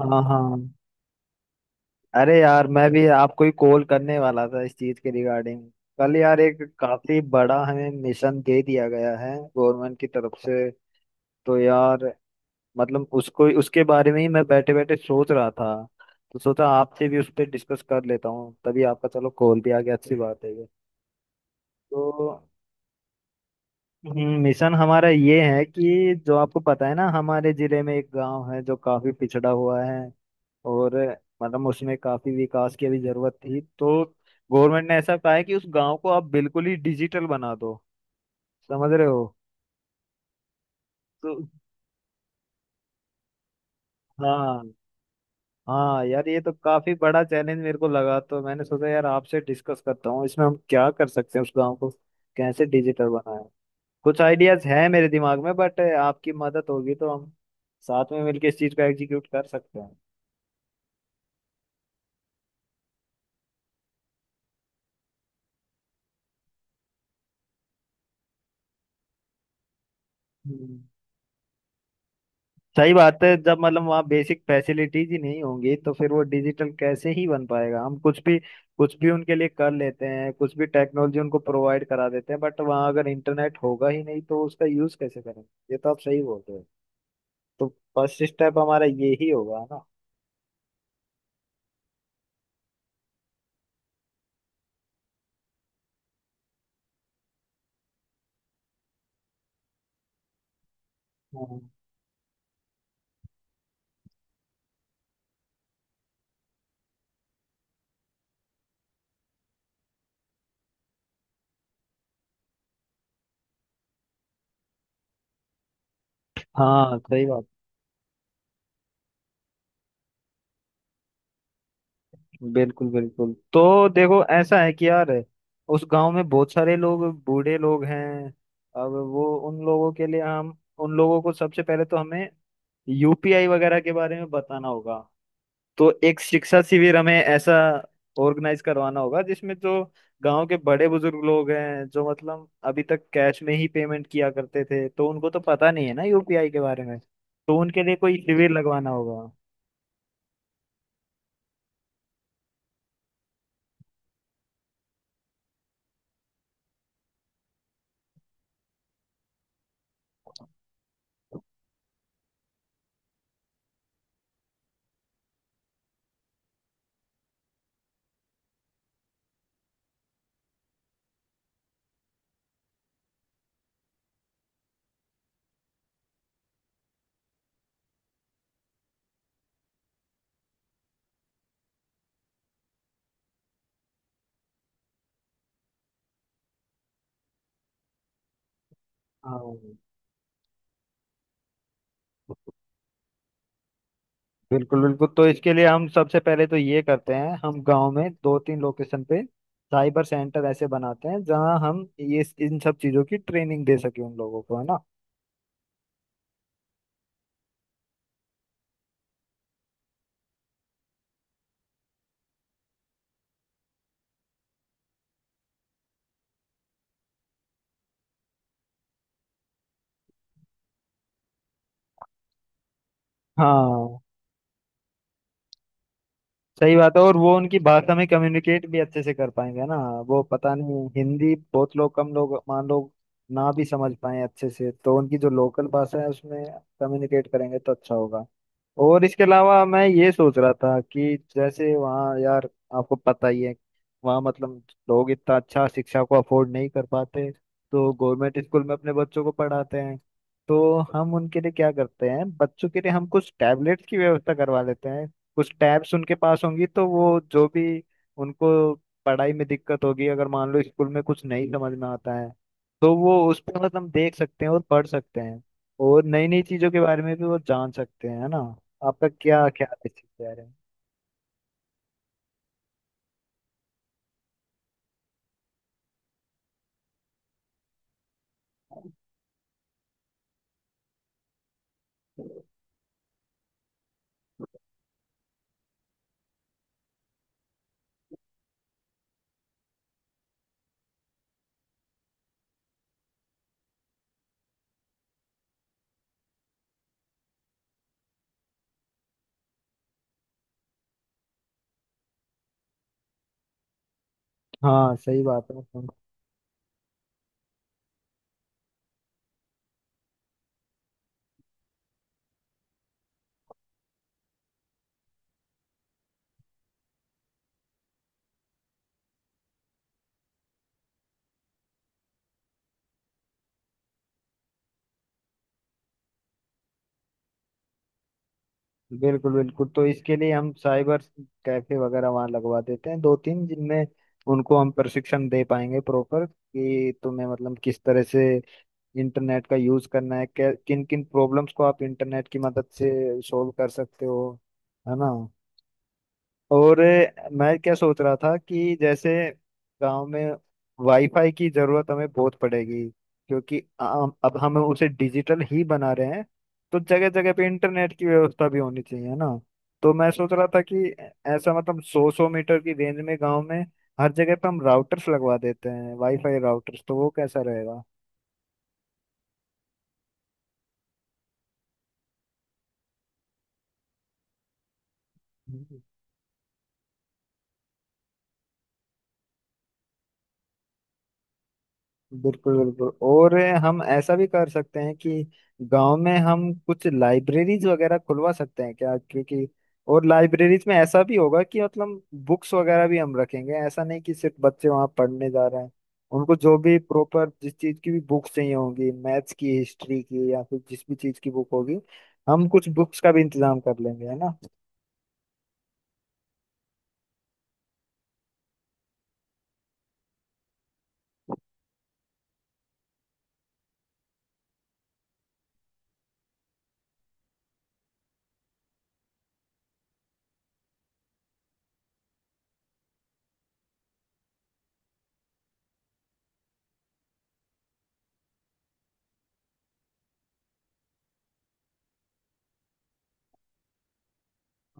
हाँ हाँ। अरे यार मैं भी आपको ही कॉल करने वाला था इस चीज के रिगार्डिंग। कल यार एक काफी बड़ा हमें मिशन दे दिया गया है गवर्नमेंट की तरफ से। तो यार मतलब उसको उसके बारे में ही मैं बैठे बैठे सोच रहा था। तो सोचा आपसे भी उस पर डिस्कस कर लेता हूँ, तभी आपका चलो कॉल भी आ गया, अच्छी बात है ये। तो मिशन हमारा ये है कि जो आपको पता है ना, हमारे जिले में एक गांव है जो काफी पिछड़ा हुआ है। और मतलब उसमें काफी विकास की अभी जरूरत थी, तो गवर्नमेंट ने ऐसा कहा है कि उस गांव को आप बिल्कुल ही डिजिटल बना दो। समझ रहे हो? तो हाँ हाँ यार, ये तो काफी बड़ा चैलेंज मेरे को लगा, तो मैंने सोचा यार आपसे डिस्कस करता हूँ इसमें हम क्या कर सकते हैं, उस गांव को कैसे डिजिटल बनाएं। कुछ आइडियाज हैं मेरे दिमाग में, बट आपकी मदद होगी तो हम साथ में मिलकर इस चीज को एग्जीक्यूट कर सकते हैं। हम्म। सही बात है, जब मतलब वहाँ बेसिक फैसिलिटीज ही नहीं होंगी तो फिर वो डिजिटल कैसे ही बन पाएगा। हम कुछ भी उनके लिए कर लेते हैं, कुछ भी टेक्नोलॉजी उनको प्रोवाइड करा देते हैं, बट वहाँ अगर इंटरनेट होगा ही नहीं तो उसका यूज कैसे करेंगे। ये तो आप सही बोल रहे हो। तो फर्स्ट स्टेप हमारा ये ही होगा ना। हाँ हाँ सही बात। बिल्कुल बिल्कुल, तो देखो ऐसा है कि यार उस गांव में बहुत सारे लोग बूढ़े लोग हैं। अब वो उन लोगों के लिए हम, उन लोगों को सबसे पहले तो हमें यूपीआई वगैरह के बारे में बताना होगा। तो एक शिक्षा शिविर हमें ऐसा ऑर्गेनाइज करवाना होगा, जिसमें जो गांव के बड़े बुजुर्ग लोग हैं, जो मतलब अभी तक कैश में ही पेमेंट किया करते थे, तो उनको तो पता नहीं है ना यूपीआई के बारे में, तो उनके लिए कोई शिविर लगवाना होगा। हाँ बिल्कुल बिल्कुल, तो इसके लिए हम सबसे पहले तो ये करते हैं, हम गांव में दो तीन लोकेशन पे साइबर सेंटर ऐसे बनाते हैं जहां हम ये इन सब चीजों की ट्रेनिंग दे सके उन लोगों को, है ना। हाँ सही बात है, और वो उनकी भाषा में कम्युनिकेट भी अच्छे से कर पाएंगे ना। वो पता नहीं, हिंदी बहुत लोग कम लोग मान लो ना भी समझ पाए अच्छे से, तो उनकी जो लोकल भाषा है उसमें कम्युनिकेट करेंगे तो अच्छा होगा। और इसके अलावा मैं ये सोच रहा था कि जैसे वहाँ यार, आपको पता ही है, वहाँ मतलब लोग इतना अच्छा शिक्षा को अफोर्ड नहीं कर पाते, तो गवर्नमेंट स्कूल में अपने बच्चों को पढ़ाते हैं। तो हम उनके लिए क्या करते हैं, बच्चों के लिए हम कुछ टैबलेट्स की व्यवस्था करवा लेते हैं। कुछ टैब्स उनके पास होंगी, तो वो जो भी उनको पढ़ाई में दिक्कत होगी, अगर मान लो स्कूल में कुछ नहीं समझ में आता है, तो वो उस पर मतलब हम देख सकते हैं और पढ़ सकते हैं, और नई नई चीजों के बारे में भी वो जान सकते हैं, है ना। आपका क्या ख्याल है इस चीज के बारे में? हाँ सही बात है, बिल्कुल बिल्कुल तो इसके लिए हम साइबर कैफे वगैरह वहाँ लगवा देते हैं दो तीन, जिनमें उनको हम प्रशिक्षण दे पाएंगे प्रॉपर, कि तुम्हें मतलब किस तरह से इंटरनेट का यूज करना है, किन किन प्रॉब्लम्स को आप इंटरनेट की मदद से सॉल्व कर सकते हो, है ना। और मैं क्या सोच रहा था कि जैसे गांव में वाईफाई की जरूरत हमें बहुत पड़ेगी, क्योंकि अब हम उसे डिजिटल ही बना रहे हैं। तो जगह जगह पे इंटरनेट की व्यवस्था भी होनी चाहिए, है ना। तो मैं सोच रहा था कि ऐसा मतलब सौ सौ मीटर की रेंज में गांव में हर जगह पे हम राउटर्स लगवा देते हैं, वाईफाई राउटर्स, तो वो कैसा रहेगा? बिल्कुल बिल्कुल, और हम ऐसा भी कर सकते हैं कि गांव में हम कुछ लाइब्रेरीज वगैरह खुलवा सकते हैं क्या, क्योंकि और लाइब्रेरीज में ऐसा भी होगा कि मतलब बुक्स वगैरह भी हम रखेंगे, ऐसा नहीं कि सिर्फ बच्चे वहां पढ़ने जा रहे हैं। उनको जो भी प्रॉपर जिस चीज की भी बुक्स चाहिए होंगी, मैथ्स की, हिस्ट्री की, या फिर जिस भी चीज की बुक होगी, हम कुछ बुक्स का भी इंतजाम कर लेंगे, है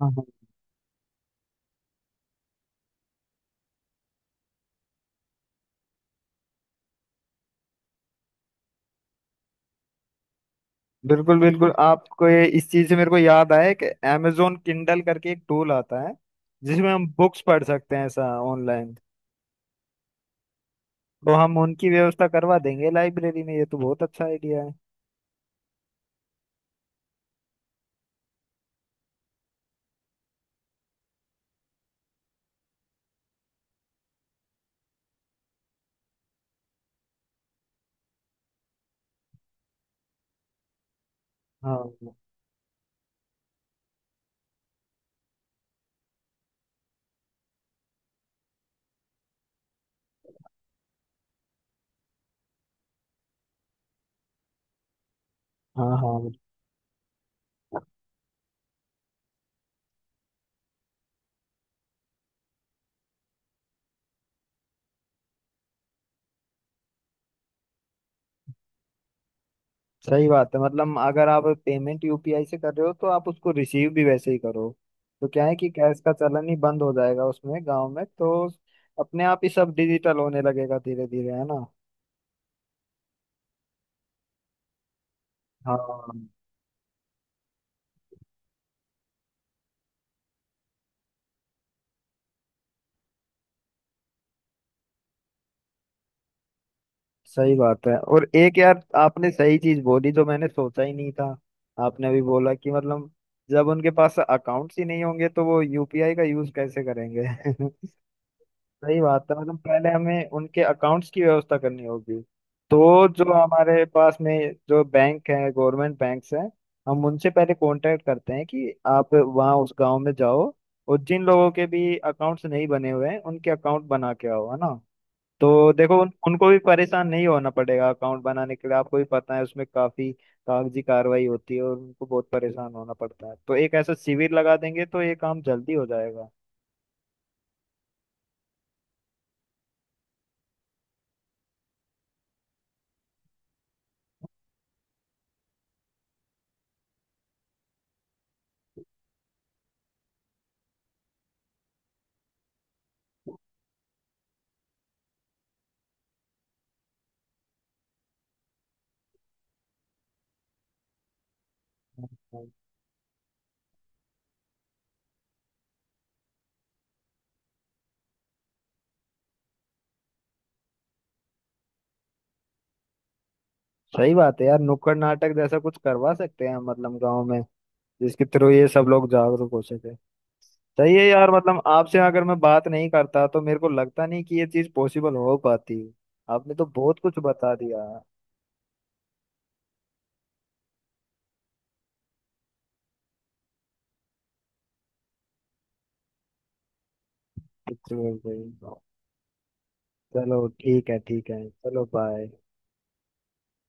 ना। बिल्कुल बिल्कुल, आपको ये, इस चीज से मेरे को याद आया कि Amazon Kindle करके एक टूल आता है, जिसमें हम बुक्स पढ़ सकते हैं ऐसा ऑनलाइन। तो हम उनकी व्यवस्था करवा देंगे लाइब्रेरी में, ये तो बहुत अच्छा आइडिया है। हाँ हाँ हाँ सही बात है, मतलब अगर आप पेमेंट यूपीआई से कर रहे हो तो आप उसको रिसीव भी वैसे ही करो। तो क्या है कि कैश का चलन ही बंद हो जाएगा उसमें, गांव में तो अपने आप ही सब डिजिटल होने लगेगा धीरे धीरे, है ना। हाँ सही बात है, और एक यार आपने सही चीज बोली जो मैंने सोचा ही नहीं था, आपने अभी बोला कि मतलब जब उनके पास अकाउंट्स ही नहीं होंगे तो वो यूपीआई का यूज कैसे करेंगे। सही बात है, मतलब पहले हमें उनके अकाउंट्स की व्यवस्था करनी होगी। तो जो हमारे पास में जो बैंक है, गवर्नमेंट बैंक्स हैं, हम उनसे पहले कांटेक्ट करते हैं कि आप वहाँ उस गांव में जाओ और जिन लोगों के भी अकाउंट्स नहीं बने हुए हैं उनके अकाउंट बना के आओ, है ना। तो देखो उनको भी परेशान नहीं होना पड़ेगा अकाउंट बनाने के लिए, आपको भी पता है उसमें काफी कागजी कार्रवाई होती है और उनको बहुत परेशान होना पड़ता है, तो एक ऐसा शिविर लगा देंगे तो ये काम जल्दी हो जाएगा। हाँ। सही बात है यार, नुक्कड़ नाटक जैसा कुछ करवा सकते हैं मतलब गांव में, जिसके थ्रू ये सब लोग जागरूक हो सके। सही है यार, मतलब आपसे अगर मैं बात नहीं करता तो मेरे को लगता नहीं कि ये चीज पॉसिबल हो पाती। आपने तो बहुत कुछ बता दिया। चलो ठीक है ठीक है, चलो बाय।